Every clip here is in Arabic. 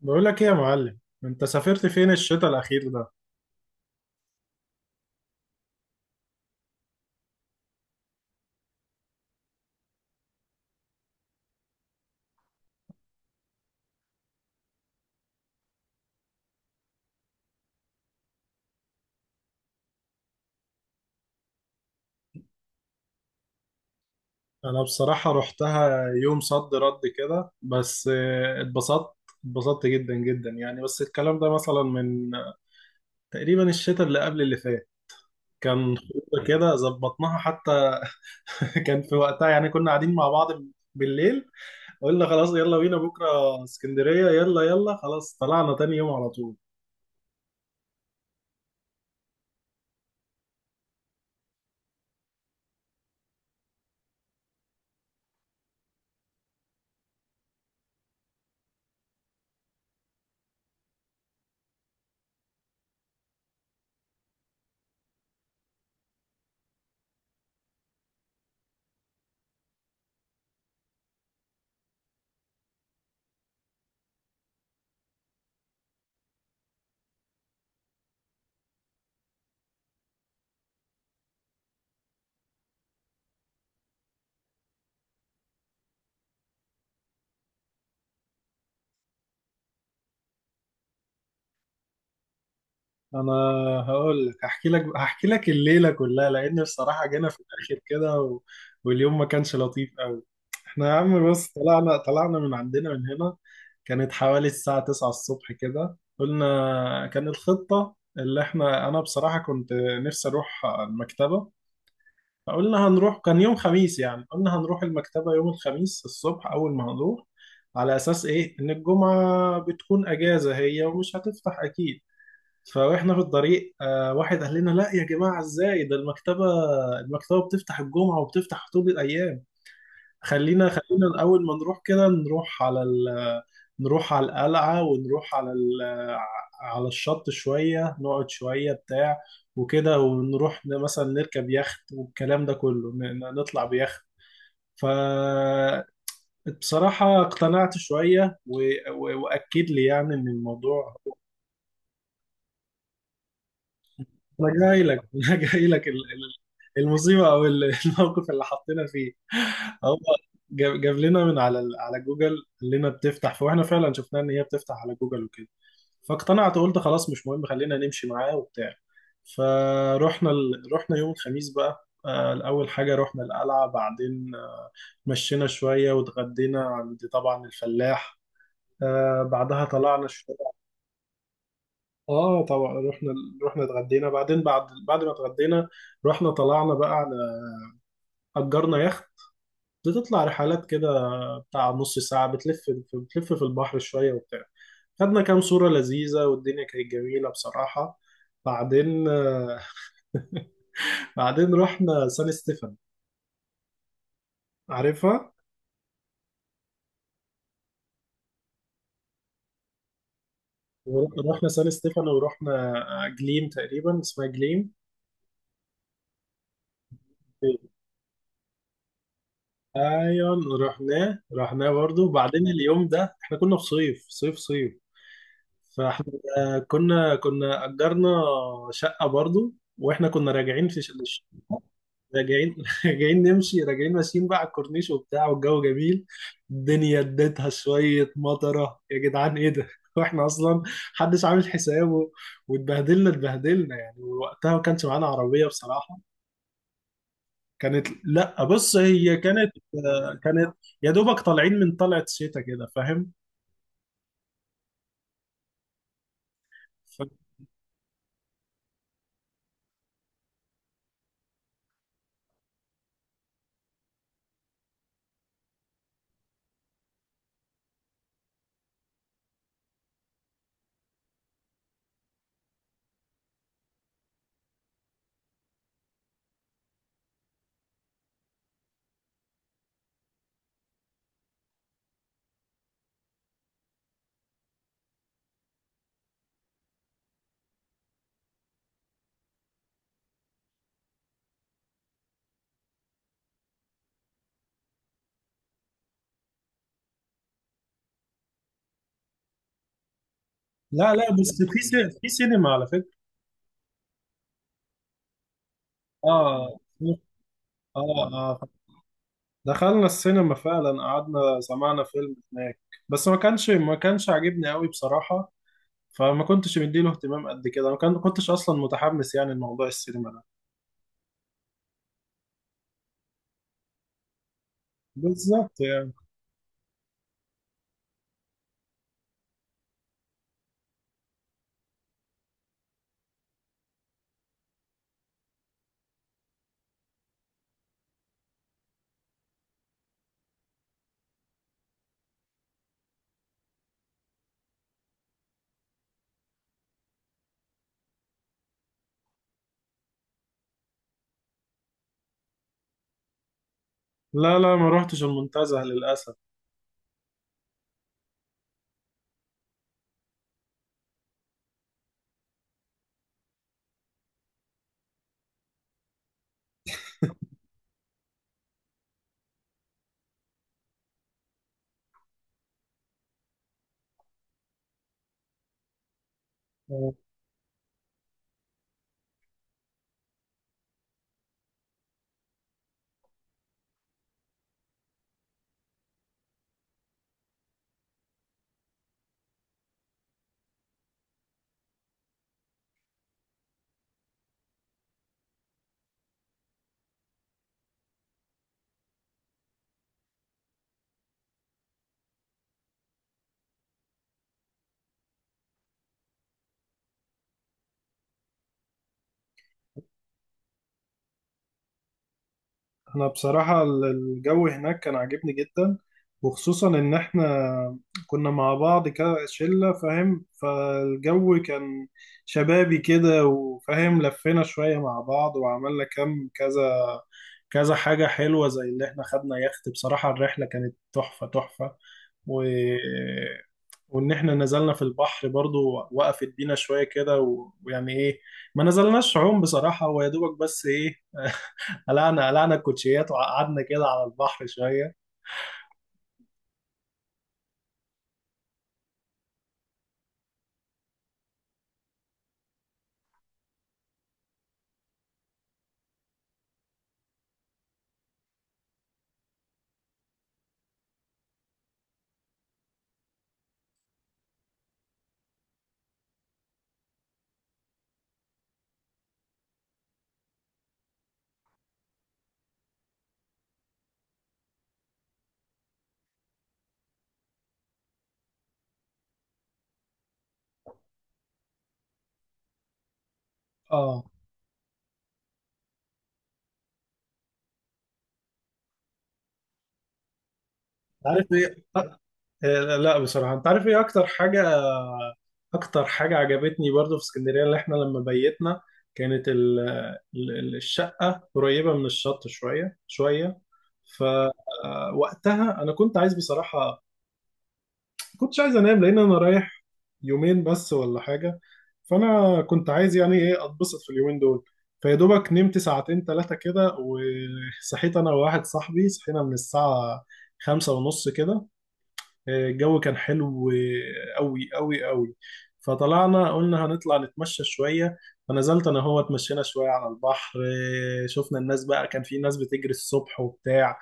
بقول لك ايه يا معلم، انت سافرت فين الشتاء الاخير ده؟ انا بصراحة رحتها يوم صد رد كده بس، اتبسطت جدا جدا يعني. بس الكلام ده مثلا من تقريبا الشتاء اللي قبل اللي فات، كان خروجه كده ظبطناها حتى. كان في وقتها يعني كنا قاعدين مع بعض بالليل. قلنا خلاص، يلا بينا بكرة اسكندرية، يلا يلا، خلاص طلعنا تاني يوم على طول. انا هقول لك هحكي لك الليله كلها، لان بصراحه جينا في الاخر كده واليوم ما كانش لطيف قوي. احنا يا عم، بص، طلعنا من عندنا من هنا كانت حوالي الساعه 9 الصبح كده، قلنا كان الخطه، اللي احنا انا بصراحه كنت نفسي اروح المكتبه. فقلنا هنروح، كان يوم خميس يعني، قلنا هنروح المكتبه يوم الخميس الصبح اول ما هنروح، على اساس ايه ان الجمعه بتكون اجازه هي ومش هتفتح اكيد. فاحنا في الطريق واحد قال لنا لا يا جماعه ازاي ده، المكتبه بتفتح الجمعه وبتفتح طول الايام. خلينا الاول ما نروح كده، نروح نروح على القلعه، ونروح على الشط شويه، نقعد شويه بتاع وكده، ونروح مثلا نركب يخت، والكلام ده كله، نطلع بيخت. فبصراحة اقتنعت شوية، وأكد لي يعني إن الموضوع. انا جاي لك، انا جاي لك، المصيبه او الموقف اللي حطينا فيه. هو جاب لنا من على جوجل، قال لنا بتفتح، فاحنا فعلا شفناها ان هي بتفتح على جوجل وكده. فاقتنعت وقلت خلاص مش مهم، خلينا نمشي معاه وبتاع. رحنا يوم الخميس بقى، اول حاجه رحنا القلعه، بعدين مشينا شويه واتغدينا عند طبعا الفلاح. بعدها طلعنا. اه طبعا، رحنا، اتغدينا، بعد ما اتغدينا، رحنا طلعنا بقى، على اجرنا يخت بتطلع رحلات كده بتاع نص ساعة، بتلف، في البحر شوية وبتاع، خدنا كام صورة لذيذة والدنيا كانت جميلة بصراحة. بعدين آه، بعدين رحنا سان ستيفن، عارفها. رحنا سان ستيفن ورحنا جليم، تقريبا اسمها جليم. ايوه، رحناه برضه. وبعدين اليوم ده احنا كنا في صيف صيف صيف. فاحنا كنا اجرنا شقه برضو. واحنا كنا راجعين راجعين راجعين ماشيين بقى على الكورنيش وبتاع، والجو جميل. الدنيا اديتها شويه مطره، يا جدعان ايه ده! واحنا اصلا محدش عامل حسابه. اتبهدلنا يعني، ووقتها ما كانش معانا عربيه بصراحه. كانت، لا بص هي كانت، كانت يا دوبك طالعين من طلعت شتاء كده فاهم. ف- لا لا، بس في سينما على فكره. اه اه اه، دخلنا السينما فعلا، قعدنا سمعنا فيلم هناك، بس ما كانش عاجبني قوي بصراحة، فما كنتش مديله اهتمام قد كده، ما كنتش اصلا متحمس يعني لموضوع السينما ده، بالظبط يعني. لا لا، ما روحتش المنتزه للأسف. انا بصراحة الجو هناك كان عاجبني جدا، وخصوصا ان احنا كنا مع بعض كشلة فاهم، فالجو كان شبابي كده وفاهم، لفينا شوية مع بعض وعملنا كم كذا كذا حاجة حلوة، زي اللي احنا خدنا يخت بصراحة الرحلة كانت تحفة تحفة. و... وان احنا نزلنا في البحر برضو، وقفت بينا شوية كده، ويعني ايه، ما نزلناش عوم بصراحة، هو يا دوبك بس ايه، قلعنا الكوتشيات وقعدنا كده على البحر شويه. اه، عارف ايه لا بصراحه، انت عارف ايه اكتر حاجه، عجبتني برضو في اسكندريه، اللي احنا لما بيتنا كانت، ال ال الشقه قريبه من الشط شويه شويه. فوقتها انا كنت عايز بصراحه، كنتش عايز انام لان انا رايح يومين بس ولا حاجه، فانا كنت عايز يعني ايه اتبسط في اليومين دول. فيا دوبك نمت ساعتين ثلاثه كده، وصحيت انا وواحد صاحبي، صحينا من الساعه 5:30 كده. الجو كان حلو قوي قوي قوي. فطلعنا قلنا هنطلع نتمشى شويه، فنزلت انا هو، اتمشينا شويه على البحر. شفنا الناس بقى كان في ناس بتجري الصبح وبتاع.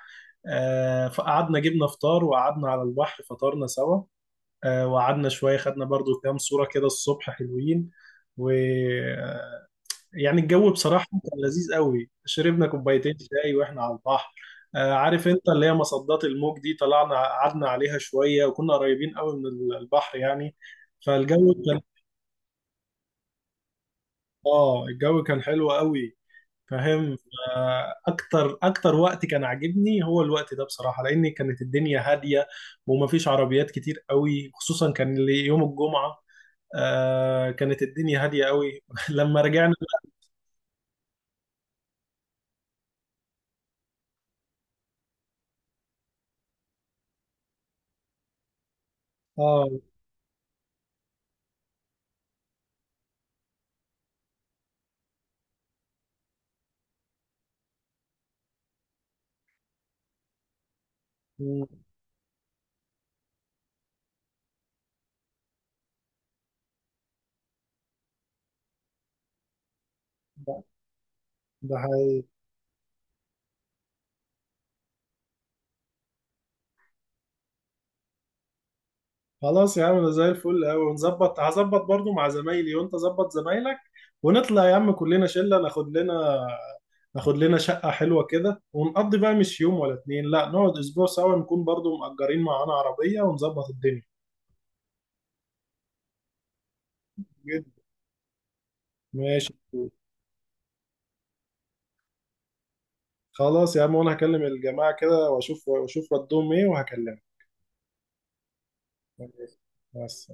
فقعدنا جبنا فطار وقعدنا على البحر فطرنا سوا. وقعدنا شوية، خدنا برضو كام صورة كده الصبح حلوين، ويعني الجو بصراحة كان لذيذ قوي، شربنا كوبايتين شاي واحنا على البحر. عارف انت اللي هي مصدات الموج دي، طلعنا قعدنا عليها شوية وكنا قريبين قوي من البحر يعني، فالجو كان، اه الجو كان حلو قوي فاهم. اكتر وقت كان عاجبني هو الوقت ده بصراحة، لان كانت الدنيا هادية ومفيش عربيات كتير قوي، خصوصا كان يوم الجمعة، كانت الدنيا هادية قوي. لما رجعنا، اه، مم، ده ده حقيقي. خلاص يا عم، ده زي الفل قوي، ونظبط، هظبط برضو مع زمايلي، وانت ظبط زمايلك، ونطلع يا عم كلنا شلة. ناخد لنا شقة حلوة كده، ونقضي بقى مش يوم ولا اتنين، لا نقعد اسبوع سوا، نكون برضو مأجرين معانا عربية ونظبط الدنيا. جدا. ماشي. خلاص يا عم، وانا هكلم الجماعة كده واشوف ردهم ايه، وهكلمك. ماشي. بس.